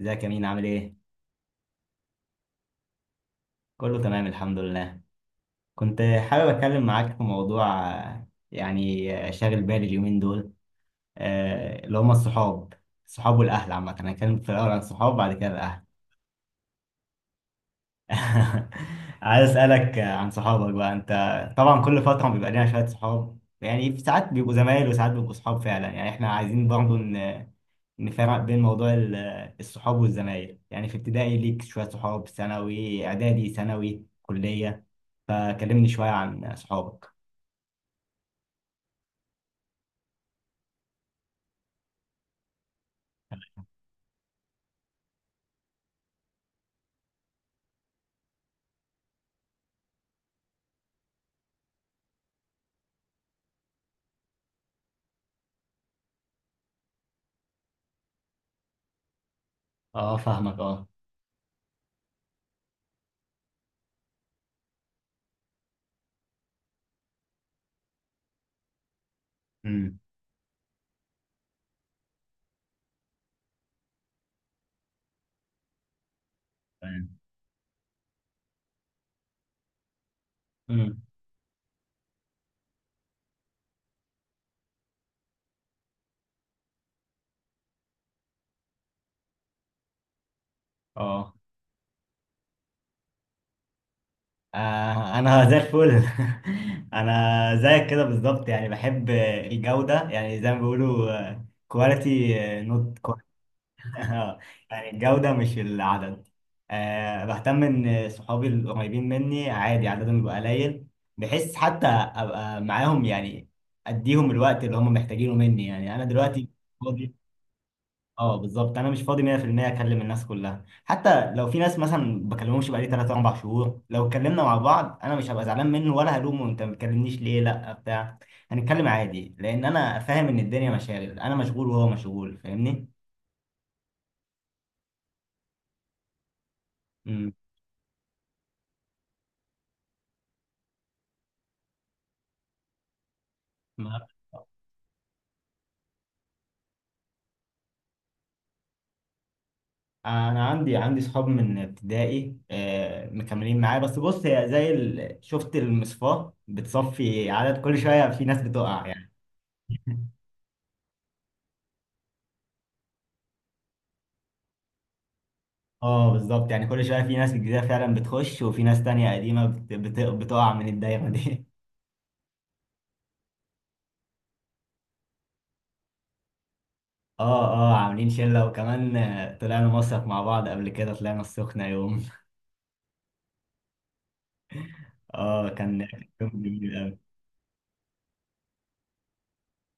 ازيك يا مين؟ عامل ايه؟ كله تمام الحمد لله. كنت حابب اتكلم معاك في موضوع يعني شاغل بالي اليومين دول. اللي هما الصحاب. الصحاب والاهل عامة، انا هتكلم في الاول عن الصحاب بعد كده الاهل. عايز اسالك عن صحابك بقى انت. طبعا كل فتره بيبقى لنا شويه صحاب، يعني في ساعات بيبقوا زمايل وساعات بيبقوا صحاب فعلا. يعني احنا عايزين برضو نفرق بين موضوع الصحاب والزمايل. يعني في ابتدائي ليك شويه صحاب، ثانوي اعدادي ثانوي كليه. فكلمني شويه عن صحابك. اه فاهمك، اه. امم. تمام. امم. اه. انا زي الفل. انا زيك كده بالظبط، يعني بحب الجودة يعني زي ما بيقولوا كواليتي نوت. يعني الجودة مش العدد. أه، بهتم ان صحابي القريبين مني عادي عددهم يبقى قليل. بحس حتى ابقى معاهم، يعني اديهم الوقت اللي هم محتاجينه مني. يعني انا دلوقتي، اه بالظبط، انا مش فاضي 100% اكلم الناس كلها. حتى لو في ناس مثلا بكلمهمش بقالي 3 4 شهور، لو اتكلمنا مع بعض انا مش هبقى زعلان منه، ولا هلومه انت ما بتكلمنيش ليه لا بتاع، هنتكلم عادي، لان انا فاهم ان الدنيا مشاغل، انا مشغول وهو مشغول فاهمني. امم. ما- انا عندي صحاب من ابتدائي مكملين معايا، بس بص هي زي شفت المصفاة بتصفي عدد كل شوية في ناس بتقع يعني. اه بالظبط. يعني كل شويه في ناس جديده فعلا بتخش وفي ناس تانية قديمه بتقع من الدايره دي. اه اه، عاملين شله، وكمان طلعنا مصيف مع بعض قبل كده، طلعنا السخنه يوم. اه كان يوم جميل قوي.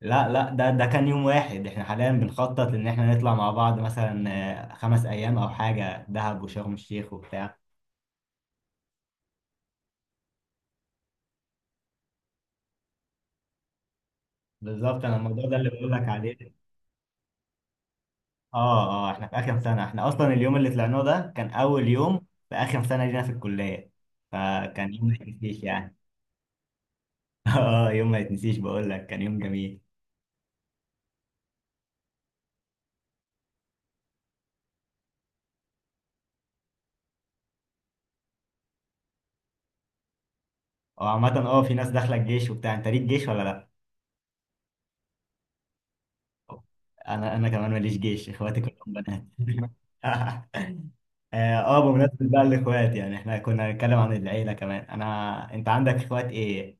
لا لا، ده كان يوم واحد. احنا حاليا بنخطط ان احنا نطلع مع بعض مثلا 5 ايام او حاجه، دهب وشرم الشيخ وبتاع. بالظبط، انا الموضوع ده اللي بقول لك عليه. اه اه، احنا في اخر سنه. احنا اصلا اليوم اللي طلعناه ده كان اول يوم في اخر سنه لينا في الكليه، فكان يوم ما يتنسيش يعني. اه، يوم ما يتنسيش بقول لك، كان يوم جميل. وعامه اه، في ناس داخله الجيش وبتاع، انت ليك جيش ولا لا؟ انا كمان ماليش جيش، اخواتي كلهم بنات. اه بمناسبه بقى الاخوات، يعني احنا كنا هنتكلم عن العيله كمان. انا، انت عندك اخوات ايه؟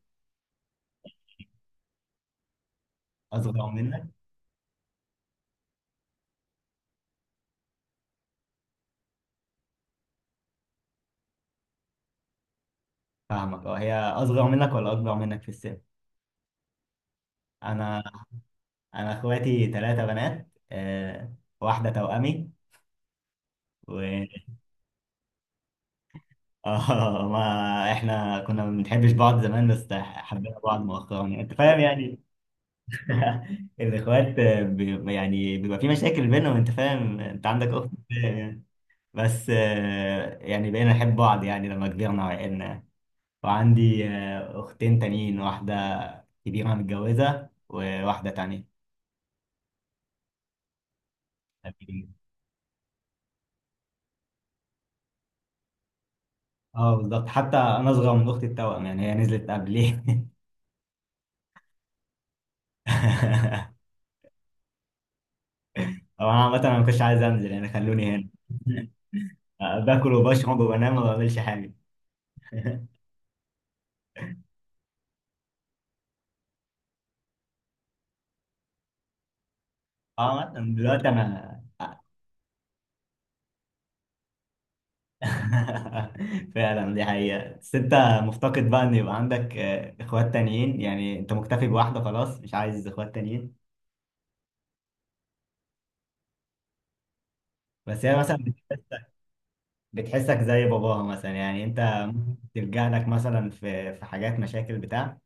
اصغر منك؟ فاهمك اه، هي اصغر منك ولا اكبر منك في السن؟ انا انا اخواتي 3 بنات. واحدة توأمي، و... اه، ما احنا كنا ما بنحبش بعض زمان بس حبينا بعض مؤخرا، يعني انت فاهم يعني. الاخوات يعني بيبقى في مشاكل بينهم، انت فاهم، انت عندك اخت، فاهم يعني. بس يعني بقينا نحب بعض يعني لما كبرنا وعقلنا. وعندي اختين تانيين، واحدة كبيرة متجوزة وواحدة تانية. اه بالظبط، حتى انا اصغر من اختي التوأم، يعني هي نزلت قبلي. هو انا عامة انا ما كنتش عايز انزل، يعني خلوني هنا. باكل وبشرب وبنام وما بعملش حاجة. اه مثلا دلوقتي انا. فعلا دي حقيقة. بس انت مفتقد بقى ان يبقى عندك اخوات تانيين، يعني انت مكتفي بواحدة خلاص مش عايز اخوات تانيين؟ بس هي مثلا بتحسك زي باباها مثلا، يعني انت ممكن تلجأ لك مثلا في في حاجات مشاكل بتاع.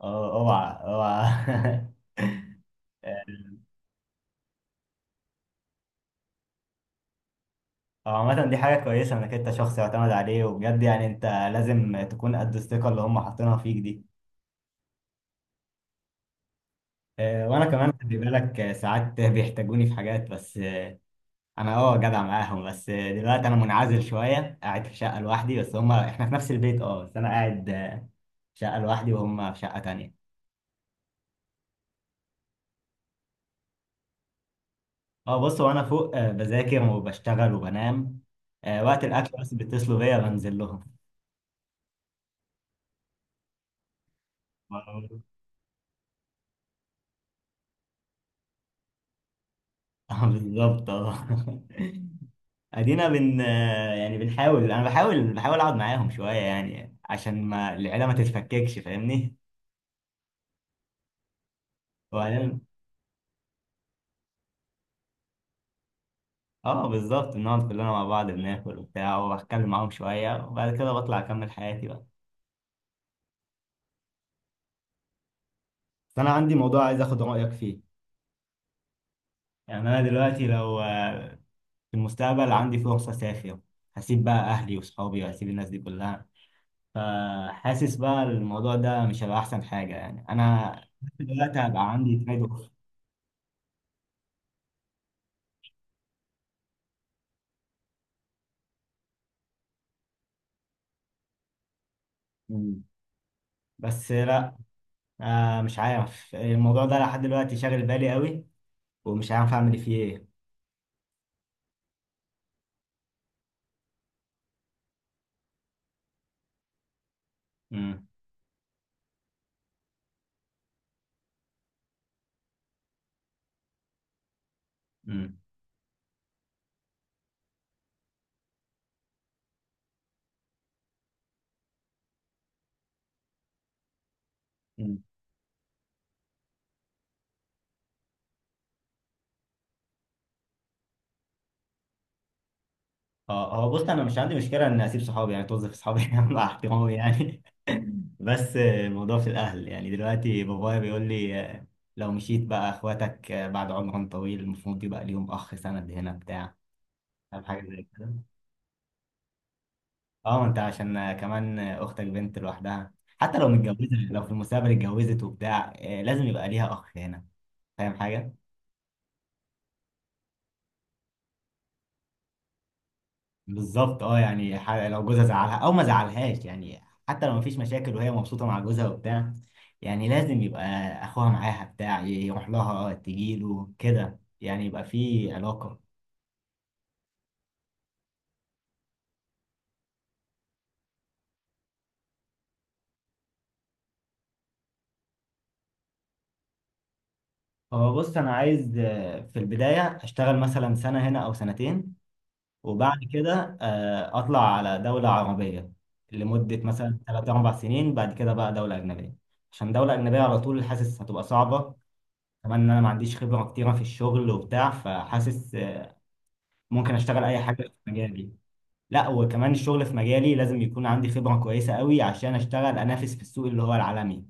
اه اوعى اوعى. هو عامة دي حاجة كويسة انك انت شخص يعتمد عليه، وبجد يعني انت لازم تكون قد الثقة اللي هم حاطينها فيك دي. وانا كمان خلي بالك، ساعات بيحتاجوني في حاجات بس، انا جدع معاهم، بس دلوقتي انا منعزل شوية قاعد في شقة لوحدي، بس هم احنا في نفس البيت. اه بس انا قاعد في شقة لوحدي وهم في شقة تانية. اه بص، وانا فوق بذاكر وبشتغل وبنام. وقت الاكل بس بيتصلوا بيا بنزل لهم. بالظبط اه. ادينا بن آه، يعني بنحاول، انا بحاول اقعد معاهم شويه، يعني عشان ما العيله ما تتفككش فاهمني. وبعدين اه بالظبط، بنقعد كلنا مع بعض بناكل وبتاع وبتكلم معاهم شويه وبعد كده بطلع اكمل حياتي بقى. بس انا عندي موضوع عايز اخد رايك فيه. يعني انا دلوقتي لو في المستقبل عندي فرصه اسافر، هسيب بقى اهلي وصحابي وهسيب الناس دي كلها، فحاسس بقى الموضوع ده مش هيبقى احسن حاجه. يعني انا دلوقتي هبقى عندي تريد اوف. بس لا، مش عارف، الموضوع ده لحد دلوقتي شاغل بالي قوي ومش عارف اعمل فيه ايه. امم. امم. امم. اه هو بص، انا مش عندي مشكله ان اسيب صحابي، يعني توظف صحابي. مع احترامي يعني. بس الموضوع في الاهل. يعني دلوقتي بابايا بيقول لي لو مشيت بقى اخواتك بعد عمر طويل المفروض يبقى ليهم اخ سند هنا بتاع، فاهم حاجه زي كده. اه انت، عشان كمان اختك بنت لوحدها، حتى لو متجوزه، لو في المستقبل اتجوزت وبتاع لازم يبقى ليها اخ هنا، فاهم حاجه. بالظبط اه، يعني لو جوزها زعلها او ما زعلهاش، يعني حتى لو مفيش مشاكل وهي مبسوطه مع جوزها وبتاع، يعني لازم يبقى اخوها معاها بتاع، يروح لها تجيله كده يعني يبقى في علاقه. هو بص، انا عايز في البدايه اشتغل مثلا سنه هنا او سنتين، وبعد كده اطلع على دوله عربيه لمده مثلا 3 4 سنين، بعد كده بقى دوله اجنبيه، عشان دوله اجنبيه على طول حاسس هتبقى صعبه، كمان ان انا ما عنديش خبره كتيره في الشغل وبتاع فحاسس ممكن اشتغل اي حاجه في مجالي. لا، وكمان الشغل في مجالي لازم يكون عندي خبره كويسه قوي عشان اشتغل انافس في السوق اللي هو العالمي.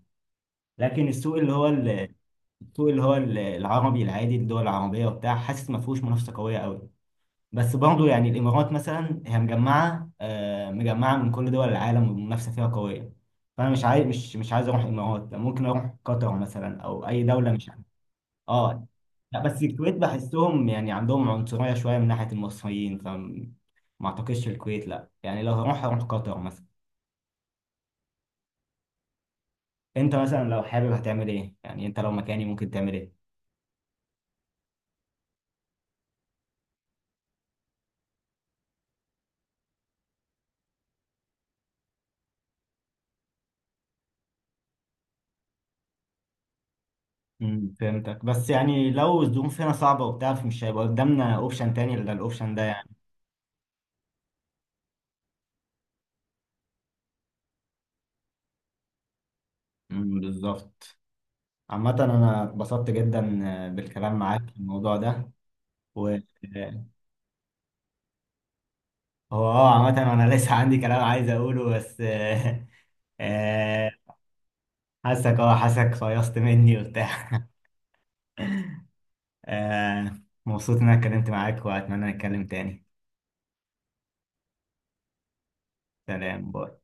لكن السوق اللي هو العربي العادي، الدول العربيه وبتاع، حاسس ما فيهوش منافسه قويه قوي. بس برضه يعني الامارات مثلا هي مجمعه من كل دول العالم والمنافسه فيها قويه. فانا مش عايز اروح الامارات، ممكن اروح قطر مثلا او اي دوله، مش. اه لا، بس الكويت بحسهم يعني عندهم عنصرية شوية من ناحية المصريين، فما اعتقدش الكويت، لا يعني لو هروح قطر مثلا. انت مثلا لو حابب هتعمل ايه، يعني انت لو مكاني ممكن تعمل ايه؟ فهمتك. بس يعني لو الظروف هنا صعبة وبتاع فمش هيبقى قدامنا اوبشن تاني الا الاوبشن ده يعني. بالظبط. عامة انا اتبسطت جدا بالكلام معاك في الموضوع ده. و، هو اه عامة انا لسه عندي كلام عايز اقوله بس. آه، حاسك اه حاسك فيصت مني وبتاع. آه. مبسوط ان انا اتكلمت معاك واتمنى نتكلم تاني. سلام باي.